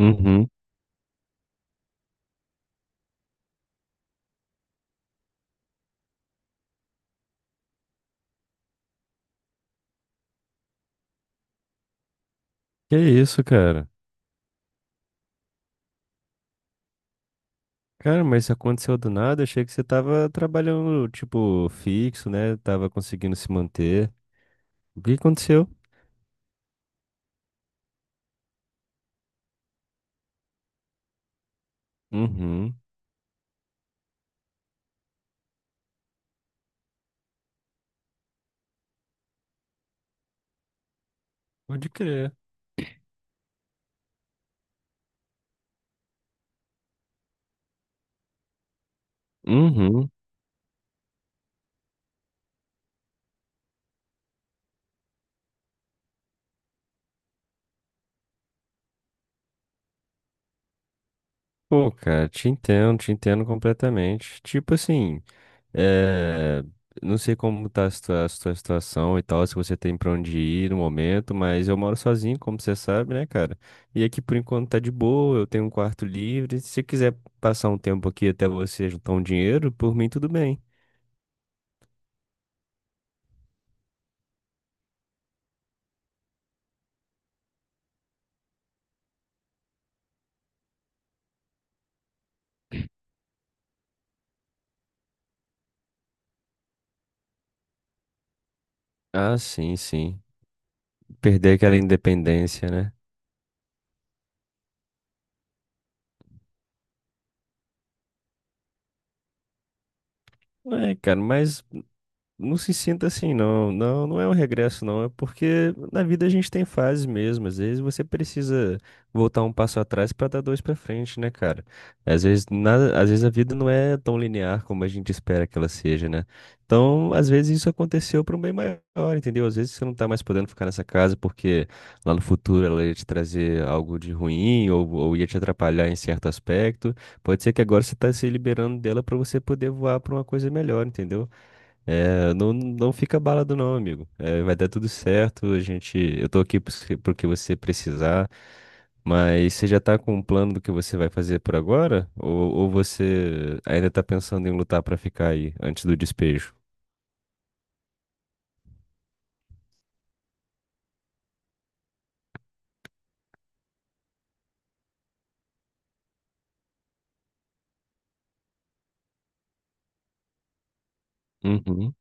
Uhum. Que isso, cara? Cara, mas isso aconteceu do nada. Achei que você tava trabalhando, tipo, fixo, né? Tava conseguindo se manter. O que aconteceu? Uhum. Pode crer. Uhum. Pô, cara, te entendo completamente. Tipo assim. É, não sei como tá a a sua situação e tal, se você tem pra onde ir no momento, mas eu moro sozinho, como você sabe, né, cara? E aqui por enquanto tá de boa, eu tenho um quarto livre. Se você quiser passar um tempo aqui até você juntar um dinheiro, por mim tudo bem. Ah, sim, sim. Perder aquela independência, né? É, cara, mas não se sinta assim, não. Não, não é um regresso, não. É porque na vida a gente tem fases mesmo. Às vezes você precisa voltar um passo atrás para dar dois para frente, né, cara? Às vezes nada, às vezes a vida não é tão linear como a gente espera que ela seja, né? Então, às vezes isso aconteceu para um bem maior, entendeu? Às vezes você não tá mais podendo ficar nessa casa porque lá no futuro ela ia te trazer algo de ruim ou ia te atrapalhar em certo aspecto. Pode ser que agora você tá se liberando dela para você poder voar para uma coisa melhor, entendeu? É, não, não fica abalado não, amigo. É, vai dar tudo certo. A gente, eu tô aqui pro pro que você precisar. Mas você já tá com um plano do que você vai fazer por agora? Ou você ainda tá pensando em lutar pra ficar aí antes do despejo? Uhum.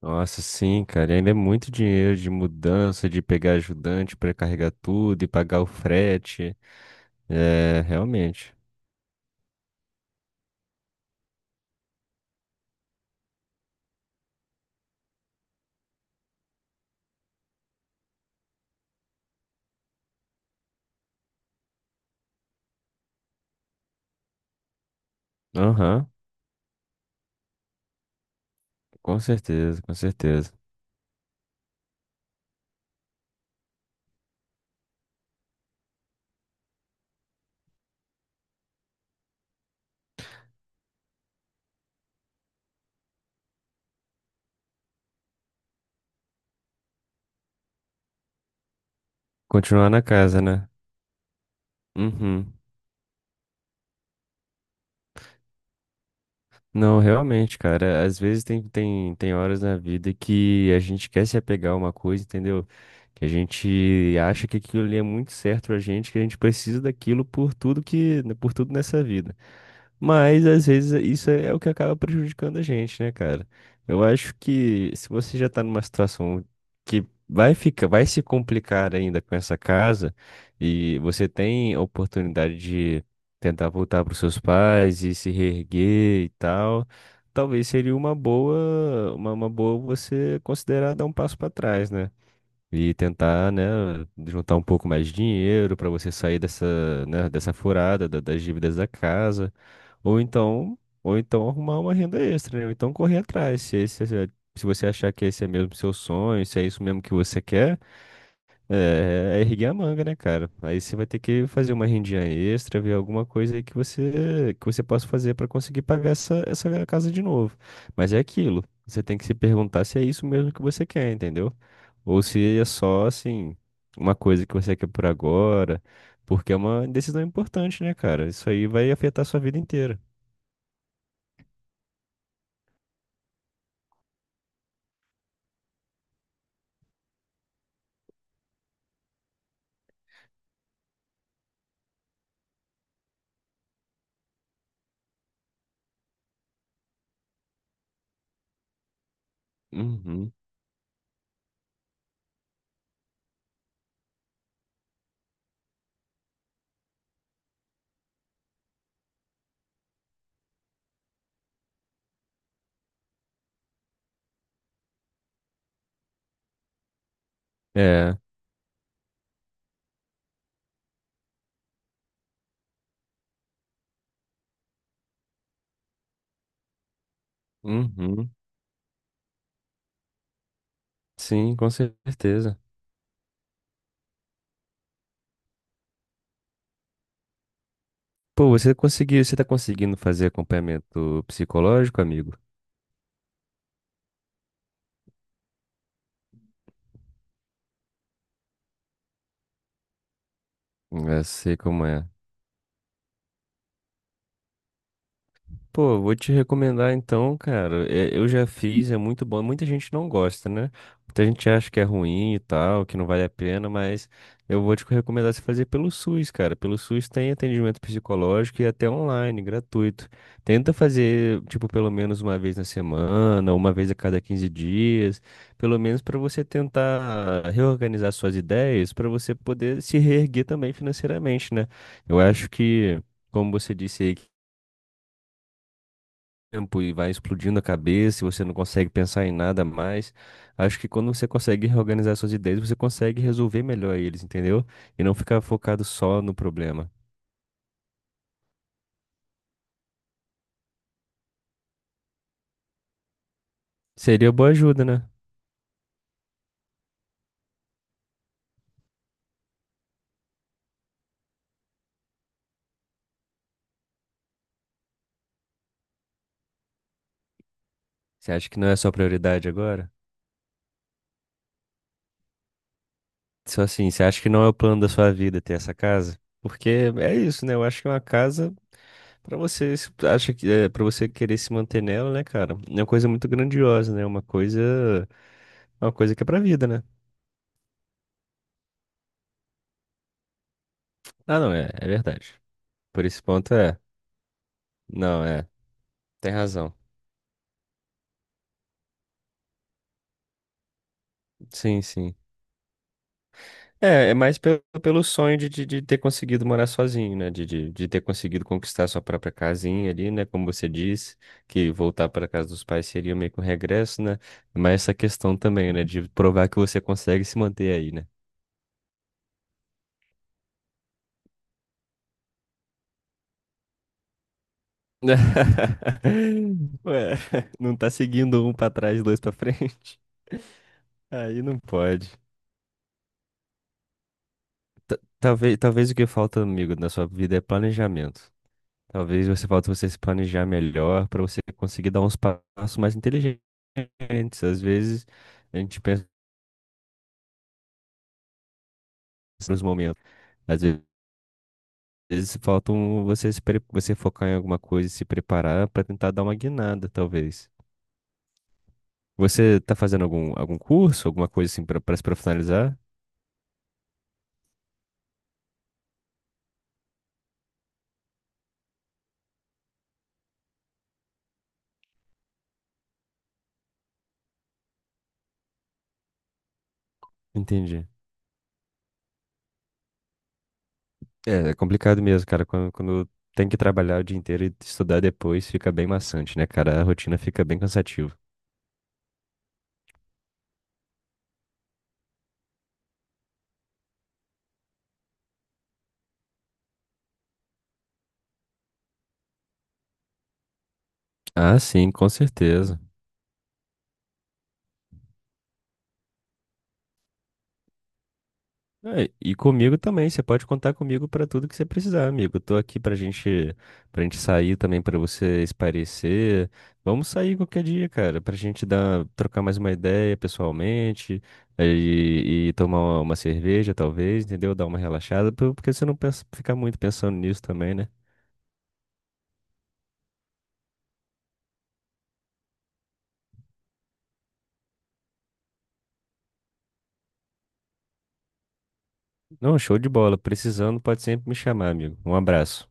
Nossa, sim, cara. E ainda é muito dinheiro de mudança, de pegar ajudante pra carregar tudo e pagar o frete. É, realmente. Aham, com certeza, com certeza. Continuar na casa, né? Uhum. Não, realmente, cara. Às vezes tem horas na vida que a gente quer se apegar a uma coisa, entendeu? Que a gente acha que aquilo ali é muito certo pra gente, que a gente precisa daquilo por tudo que, né, por tudo nessa vida. Mas às vezes isso é o que acaba prejudicando a gente, né, cara? Eu acho que se você já tá numa situação que vai ficar, vai se complicar ainda com essa casa e você tem a oportunidade tentar voltar para os seus pais e se reerguer e tal, talvez seria uma boa, uma boa você considerar dar um passo para trás, né? E tentar, né, juntar um pouco mais de dinheiro para você sair dessa, né, dessa furada das dívidas da casa, ou então arrumar uma renda extra, né? Ou então correr atrás, se você achar que esse é mesmo seu sonho, se é isso mesmo que você quer. É, é erguer a manga, né, cara? Aí você vai ter que fazer uma rendinha extra, ver alguma coisa aí que você possa fazer pra conseguir pagar essa, essa casa de novo. Mas é aquilo. Você tem que se perguntar se é isso mesmo que você quer, entendeu? Ou se é só, assim, uma coisa que você quer por agora, porque é uma decisão importante, né, cara? Isso aí vai afetar a sua vida inteira. Uhum. É. Uhum. Sim, com certeza. Pô, você tá conseguindo fazer acompanhamento psicológico, amigo? Eu sei como é. Pô, vou te recomendar então, cara. É, eu já fiz, é muito bom. Muita gente não gosta, né? Muita gente acha que é ruim e tal, que não vale a pena, mas eu vou te recomendar você fazer pelo SUS, cara. Pelo SUS tem atendimento psicológico e até online, gratuito. Tenta fazer, tipo, pelo menos uma vez na semana, uma vez a cada 15 dias, pelo menos para você tentar reorganizar suas ideias, para você poder se reerguer também financeiramente, né? Eu acho que. Como você disse aí tempo e vai explodindo a cabeça, e você não consegue pensar em nada mais. Acho que quando você consegue reorganizar suas ideias, você consegue resolver melhor eles, entendeu? E não ficar focado só no problema. Seria boa ajuda, né? Você acha que não é sua prioridade agora? Só assim, você acha que não é o plano da sua vida ter essa casa? Porque é isso, né? Eu acho que é uma casa pra você, acha que é para você querer se manter nela, né, cara? É uma coisa muito grandiosa, né? Uma coisa que é pra vida, né? Ah, não, é, é verdade. Por esse ponto é. Não, é. Tem razão. Sim, sim. É, é mais pelo, pelo sonho de ter conseguido morar sozinho, né? De ter conseguido conquistar sua própria casinha ali, né? Como você disse, que voltar para casa dos pais seria meio que um regresso, né? Mas essa questão também, né? De provar que você consegue se manter aí, né? Ué, não tá seguindo um pra trás, dois pra frente. Aí não pode. Talvez, talvez o que falta, amigo, na sua vida é planejamento. Talvez você falta você se planejar melhor para você conseguir dar uns passos mais inteligentes. Às vezes a gente pensa nos momentos. Às vezes falta você se pre- você focar em alguma coisa e se preparar para tentar dar uma guinada, talvez. Você está fazendo algum curso, alguma coisa assim para se profissionalizar? Entendi. É, é complicado mesmo, cara. Quando tem que trabalhar o dia inteiro e estudar depois, fica bem maçante, né, cara? A rotina fica bem cansativa. Ah, sim, com certeza. É, e comigo também, você pode contar comigo para tudo que você precisar, amigo. Eu tô aqui pra gente sair também, pra você espairecer. Vamos sair qualquer dia, cara, pra gente dar, trocar mais uma ideia pessoalmente e tomar uma cerveja, talvez, entendeu? Dar uma relaxada, porque você não pensa, ficar muito pensando nisso também, né? Não, show de bola. Precisando, pode sempre me chamar, amigo. Um abraço.